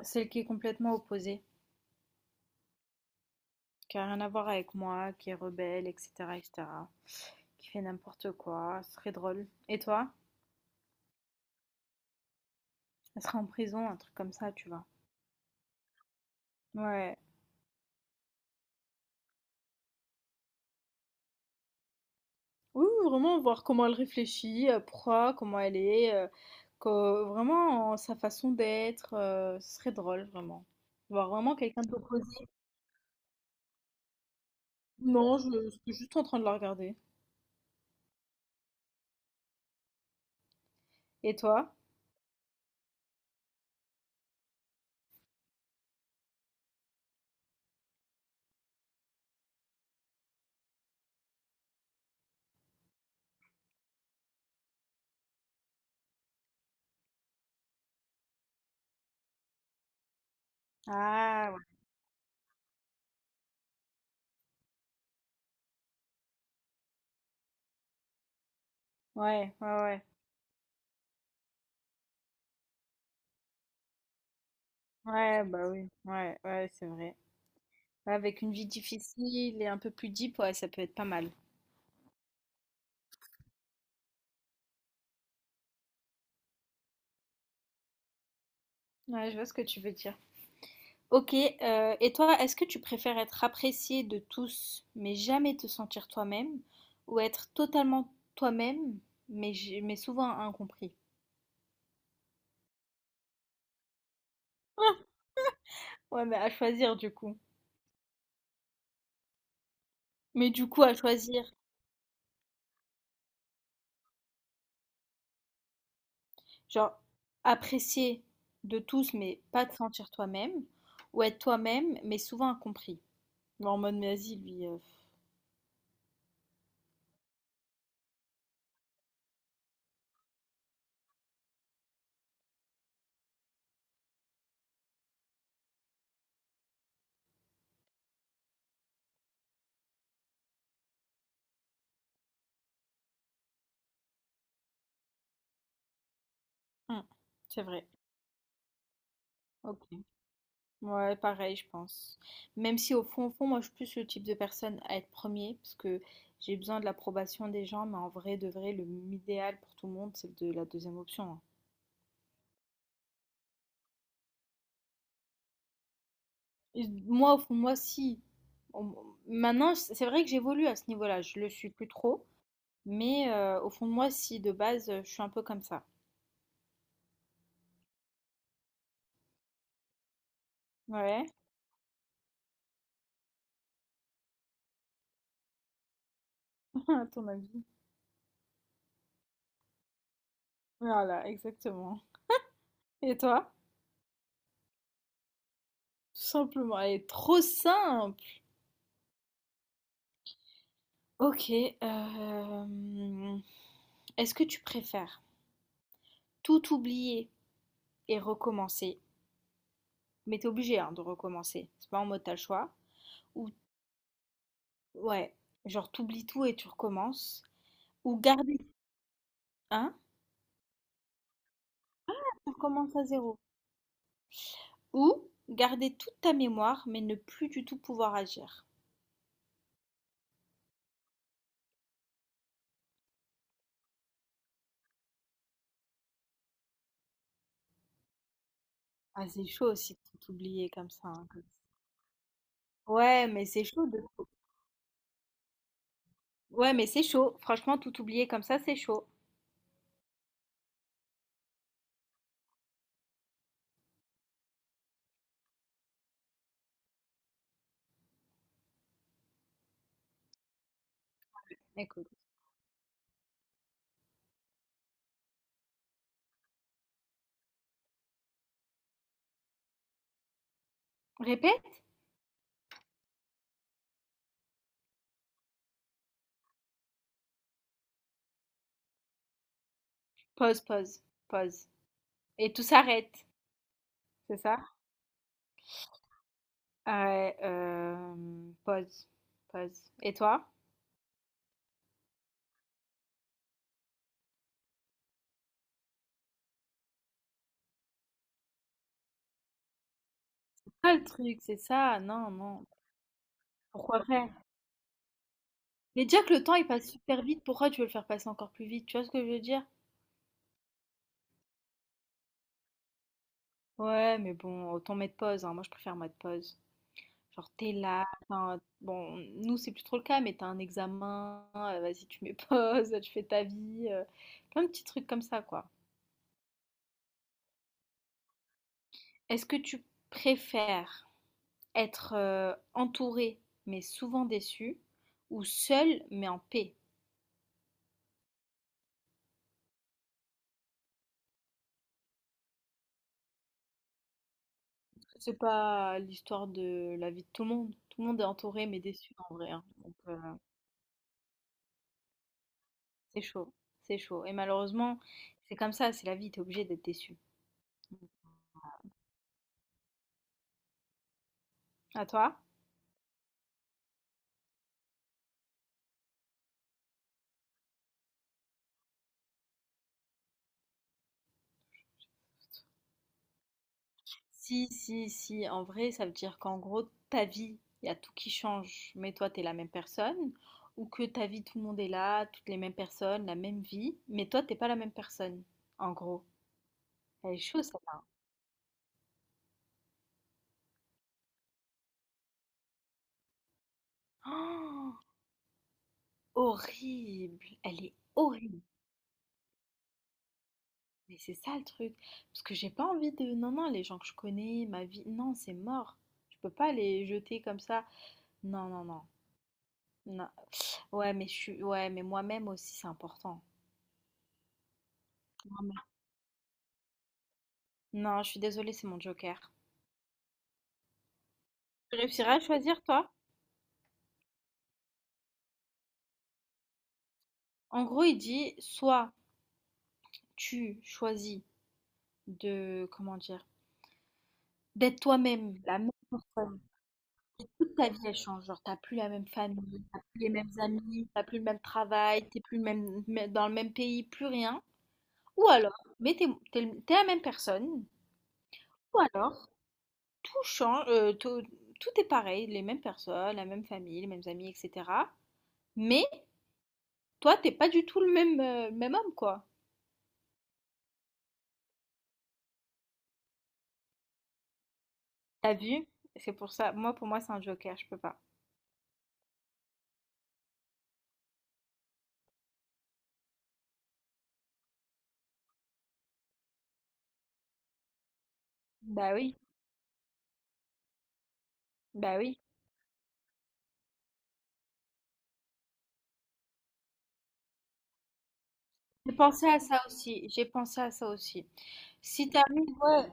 Celle qui est complètement opposée, qui a rien à voir avec moi, qui est rebelle, etc., etc., qui fait n'importe quoi, ce serait drôle. Et toi? Elle serait en prison, un truc comme ça, tu vois. Ouais. Oui, oui, vraiment voir comment elle réfléchit, pourquoi, comment elle est, vraiment sa façon d'être, ce serait drôle, vraiment. Voir vraiment quelqu'un d'opposé. Non, je suis juste en train de la regarder. Et toi? Ah, ouais, ouais, ouais, ouais. Ouais, bah oui, ouais, ouais, c'est vrai. Avec une vie difficile et un peu plus deep, ouais, ça peut être pas mal. Ouais, je vois ce que tu veux dire. Ok, et toi, est-ce que tu préfères être apprécié de tous, mais jamais te sentir toi-même, ou être totalement toi-même, mais souvent incompris? Ouais, mais à choisir du coup. Mais du coup, à choisir, genre, apprécier de tous, mais pas te sentir toi-même, ou être toi-même, mais souvent incompris. Mais en mode, mais vas-y, lui. Hum, c'est vrai. Ok. Ouais, pareil, je pense. Même si au fond, au fond, moi, je suis plus le type de personne à être premier, parce que j'ai besoin de l'approbation des gens, mais en vrai, de vrai, le idéal pour tout le monde, c'est de la deuxième option, hein. Et moi, au fond, de moi, si. On- Maintenant, c'est vrai que j'évolue à ce niveau-là, je le suis plus trop, mais au fond de moi, si, de base, je suis un peu comme ça. Ouais, à ton avis. Voilà, exactement. Et toi? Tout simplement, elle est trop simple. Ok, euh, est-ce que tu préfères tout oublier et recommencer. Mais t'es obligé, hein, de recommencer. C'est pas en mode t'as le choix. Ou ouais, genre t'oublies tout et tu recommences. Ou garder, hein, tu recommences à zéro. Ou garder toute ta mémoire mais ne plus du tout pouvoir agir. Ah, c'est chaud aussi de tout oublier comme ça, hein, ouais mais c'est chaud de. Ouais mais c'est chaud. Franchement tout oublier comme ça c'est chaud. Écoute. Répète. Pause, pause, pause. Et tout s'arrête. C'est ça? Ah ouais, pause, pause. Et toi? Ah, le truc, c'est ça. Non, non. Pourquoi faire? Mais déjà que le temps il passe super vite, pourquoi tu veux le faire passer encore plus vite? Tu vois ce que je veux dire? Ouais, mais bon, autant mettre pause, hein. Moi, je préfère mettre pause. Genre, t'es là. Bon, nous, c'est plus trop le cas, mais t'as un examen. Vas-y, tu mets pause, tu fais ta vie. Plein de petits trucs comme ça, quoi. Est-ce que tu préfères être entouré, mais souvent déçu, ou seul, mais en paix? C'est pas l'histoire de la vie de tout le monde. Tout le monde est entouré mais déçu en vrai, hein. Donc c'est chaud, c'est chaud. Et malheureusement, c'est comme ça, c'est la vie, t'es obligé d'être déçu. À toi? Si, si, si, en vrai, ça veut dire qu'en gros, ta vie, il y a tout qui change, mais toi, t'es la même personne, ou que ta vie, tout le monde est là, toutes les mêmes personnes, la même vie, mais toi, t'es pas la même personne, en gros. Elle est chaude, celle-là. Oh, horrible, elle est horrible. Mais c'est ça le truc. Parce que j'ai pas envie de. Non, non, les gens que je connais, ma vie. Non, c'est mort. Je peux pas les jeter comme ça. Non, non, non. Non. Ouais, mais je suis. Ouais, mais moi-même aussi, c'est important. Moi-même. Non, je suis désolée, c'est mon joker. Tu réussiras à choisir, toi? En gros, il dit soit tu choisis de. Comment dire? D'être toi-même, la même personne. Toute ta vie, elle change. Genre, t'as plus la même famille, t'as plus les mêmes amis, t'as plus le même travail, t'es plus le même, dans le même pays, plus rien. Ou alors, t'es la même personne. Ou alors, tout change, tout est pareil, les mêmes personnes, la même famille, les mêmes amis, etc. Mais toi, t'es pas du tout le même homme, quoi. T'as vu? C'est pour ça, moi, pour moi, c'est un joker, je peux pas. Bah oui, bah oui. J'ai pensé à ça aussi, j'ai pensé à ça aussi. Si t'arrives, ouais.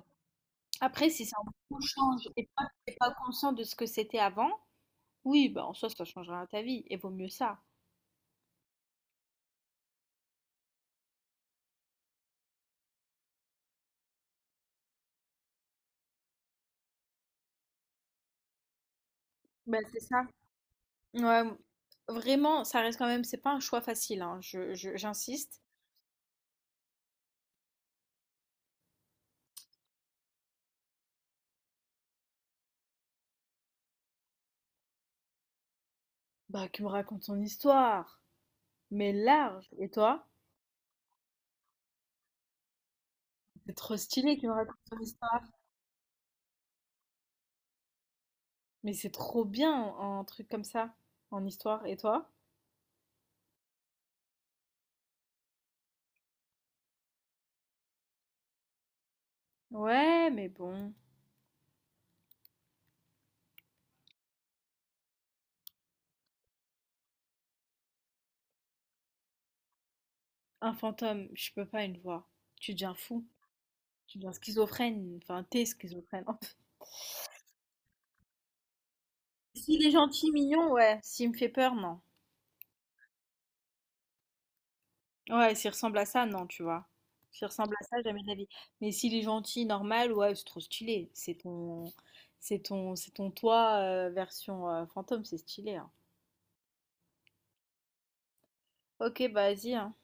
Après, si ça un change et pas, t'es pas conscient de ce que c'était avant, oui, bah en soi, ça changera ta vie, et vaut mieux ça. Bah c'est ça. Ouais, vraiment, ça reste quand même, c'est pas un choix facile, hein, j'insiste. Bah, qui me raconte son histoire, mais large. Et toi? C'est trop stylé qui me raconte son histoire. Mais c'est trop bien un truc comme ça, en histoire. Et toi? Ouais, mais bon, un fantôme, je peux pas une voix. Tu deviens fou, tu deviens schizophrène, enfin, t'es schizophrène. S'il est gentil, mignon, ouais. S'il me fait peur, non. Ouais, s'il ressemble à ça, non, tu vois. S'il ressemble à ça, jamais de la vie. Mais s'il est gentil, normal, ouais, c'est trop stylé. C'est ton toi version fantôme, c'est stylé, hein. Ok, bah vas-y, hein.